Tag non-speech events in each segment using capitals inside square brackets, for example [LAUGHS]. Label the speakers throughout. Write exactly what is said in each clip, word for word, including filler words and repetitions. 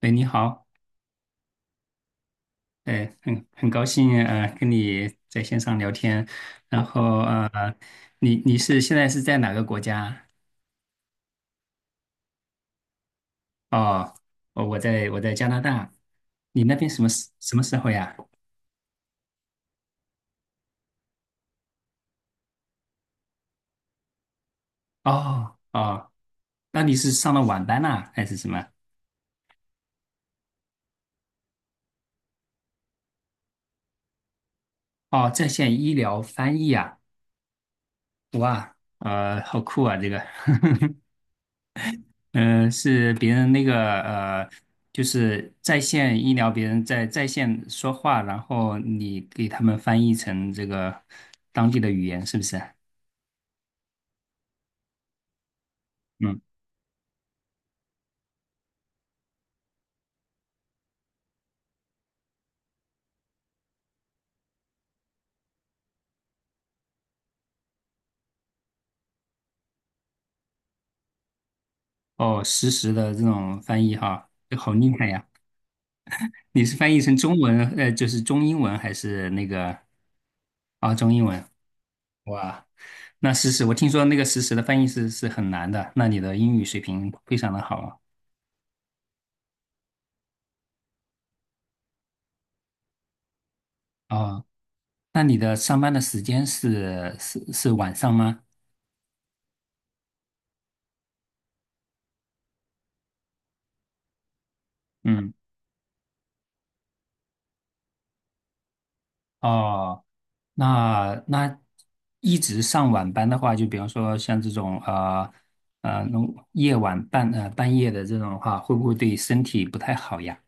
Speaker 1: 喂，你好。哎，很很高兴呃跟你在线上聊天。然后呃，你你是现在是在哪个国家？哦。哦，我在我在加拿大。你那边什么时什么时候呀？哦哦。那你是上了晚班呐、还是什么？哦，在线医疗翻译啊。哇，呃，好酷啊，这个。[LAUGHS] 嗯，呃是别人那个呃，就是在线医疗，别人在在线说话，然后你给他们翻译成这个当地的语言，是不是？嗯。哦，实时的这种翻译哈。好厉害呀！你是翻译成中文，呃，就是中英文还是那个啊，中英文？哇。那实时，我听说那个实时的翻译是是很难的，那你的英语水平非常的好啊。哦，那你的上班的时间是是是晚上吗？嗯。哦，那那一直上晚班的话，就比方说像这种呃呃，那种夜晚半呃半夜的这种的话，会不会对身体不太好呀？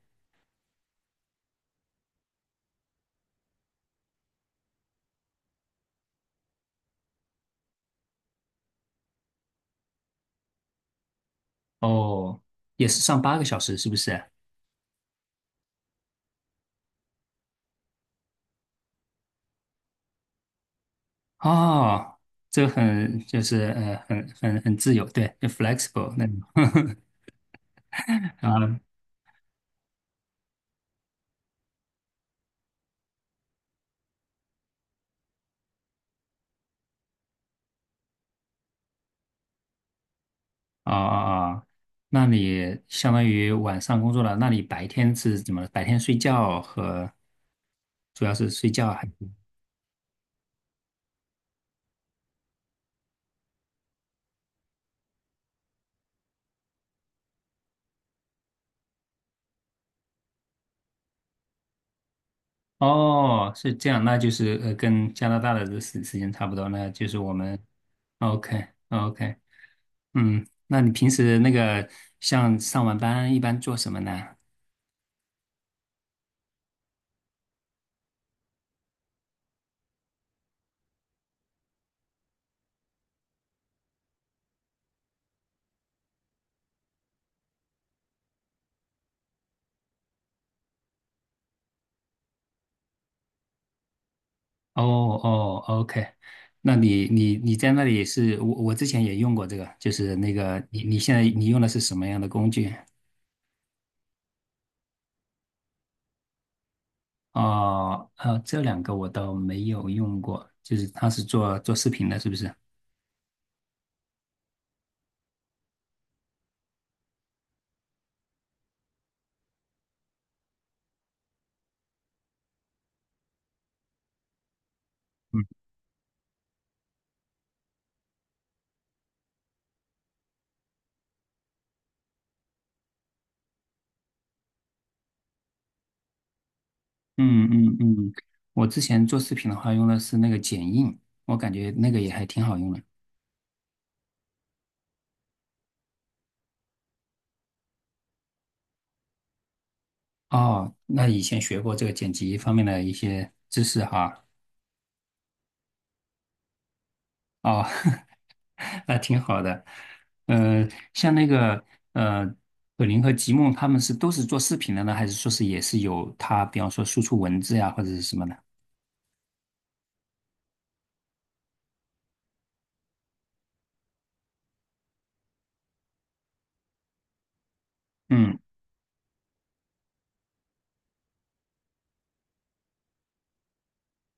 Speaker 1: 哦，也是上八个小时，是不是？哦，这很就是呃很很很自由，对，就 flexible 那种。 [LAUGHS] 啊啊啊 [LAUGHS]！啊，那你相当于晚上工作了，那你白天是怎么？白天睡觉和主要是睡觉还？哦，是这样，那就是呃，跟加拿大的这时时间差不多，那就是我们，OK OK。嗯，那你平时那个像上完班一般做什么呢？哦哦，OK。那你你你在那里是我我之前也用过这个，就是那个你你现在你用的是什么样的工具？哦，呃，这两个我倒没有用过，就是他是做做视频的，是不是？嗯嗯嗯。我之前做视频的话用的是那个剪映，我感觉那个也还挺好用的。哦，那以前学过这个剪辑方面的一些知识哈。哦，[LAUGHS] 那挺好的。呃，像那个呃，可林和吉梦他们是都是做视频的呢，还是说是也是有他，比方说输出文字呀或者是什么的？嗯。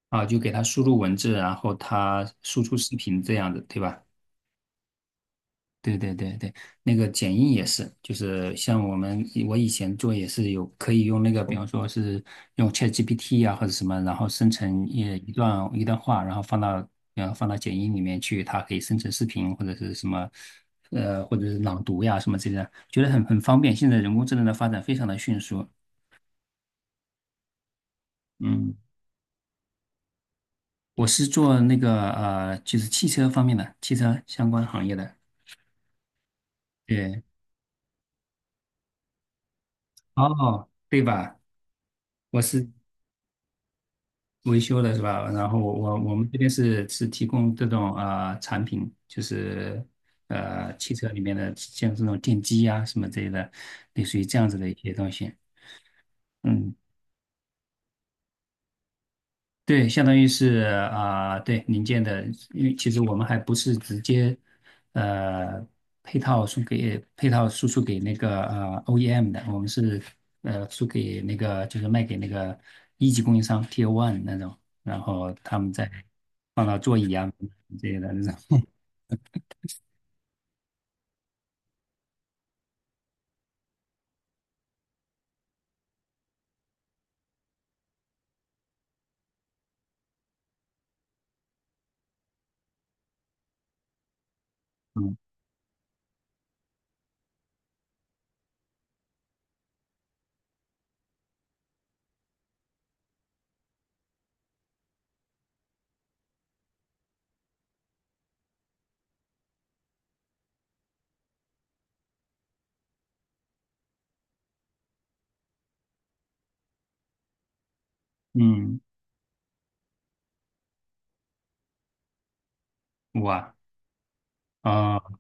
Speaker 1: 啊，就给他输入文字，然后他输出视频这样的，对吧？对对对对，那个剪映也是，就是像我们我以前做也是有可以用那个，比方说是用 ChatGPT 啊或者什么，然后生成一一段一段话，然后放到然后放到剪映里面去，它可以生成视频或者是什么，呃或者是朗读呀什么之类的，觉得很很方便。现在人工智能的发展非常的迅速。嗯。我是做那个呃就是汽车方面的汽车相关行业的。对。哦，对吧？我是。维修的是吧？然后我我我们这边是是提供这种啊产品，就是呃汽车里面的像这种电机啊什么之类的，类似于这样子的一些东西。嗯。对，相当于是啊、对零件的，因为其实我们还不是直接呃配套输给配套输出给那个呃 O E M 的，我们是呃输给那个就是卖给那个一级供应商 t o One 那种，然后他们再放到座椅啊之类的那种。嗯嗯。哇。啊、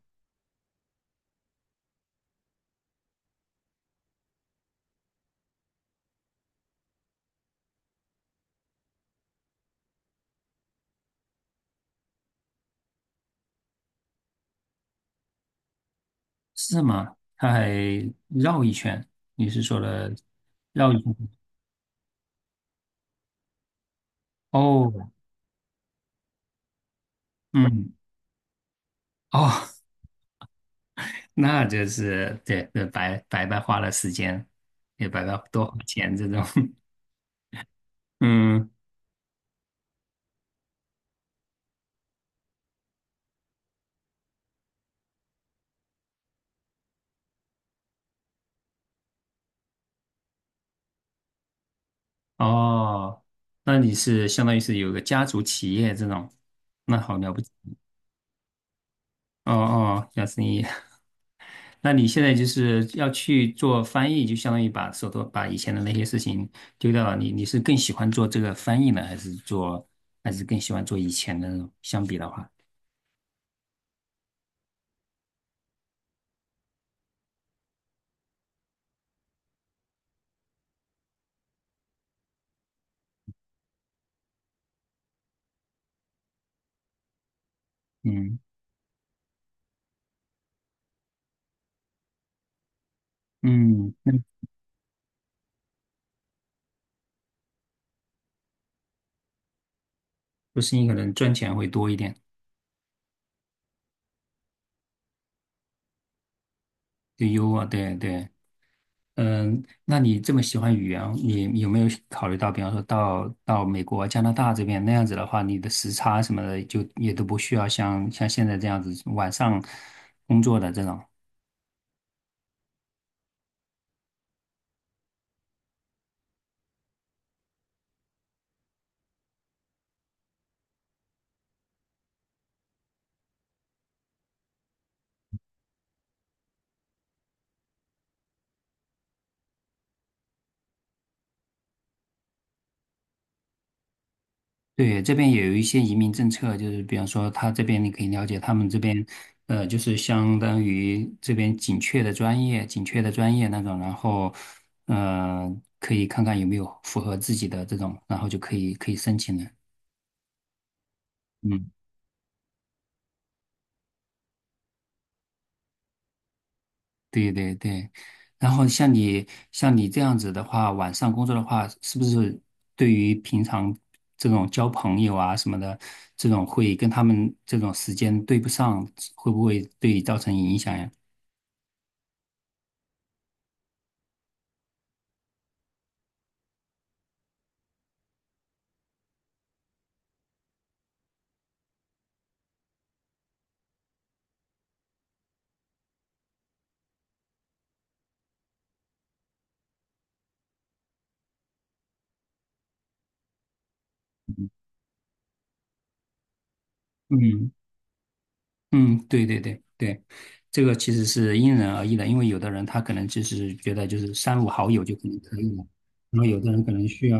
Speaker 1: 是吗？他还绕一圈，你是说了绕一圈？哦。嗯。哦，那就是对，呃白白白花了时间，也白白多花钱这种。[LAUGHS] 嗯。哦，那你是相当于是有个家族企业这种，那好了不起。哦哦，小生意。[LAUGHS] 那你现在就是要去做翻译，就相当于把手头把以前的那些事情丢掉了。你你是更喜欢做这个翻译呢，还是做，还是更喜欢做以前的那种？相比的话。嗯嗯。做生意可能赚钱会多一点。就优啊，对对。嗯，那你这么喜欢语言，你有没有考虑到，比方说到到美国、加拿大这边那样子的话，你的时差什么的就也都不需要像像现在这样子晚上工作的这种。对，这边也有一些移民政策，就是比方说他这边你可以了解他们这边，呃，就是相当于这边紧缺的专业，紧缺的专业那种，然后，呃，可以看看有没有符合自己的这种，然后就可以可以申请了。嗯，对对对，然后像你像你这样子的话，晚上工作的话，是不是对于平常这种交朋友啊什么的，这种会跟他们这种时间对不上，会不会对你造成影响呀？嗯嗯。对对对对，这个其实是因人而异的，因为有的人他可能就是觉得就是三五好友就可能可以了，然后有的人可能需要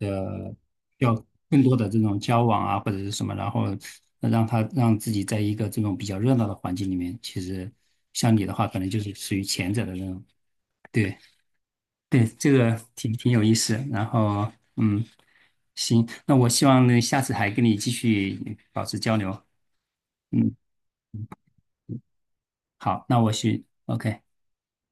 Speaker 1: 呃需要更多的这种交往啊或者是什么，然后让他让自己在一个这种比较热闹的环境里面，其实像你的话，可能就是属于前者的那种。对对，这个挺挺有意思。然后嗯，行，那我希望呢下次还跟你继续保持交流。嗯，好，那我去，OK。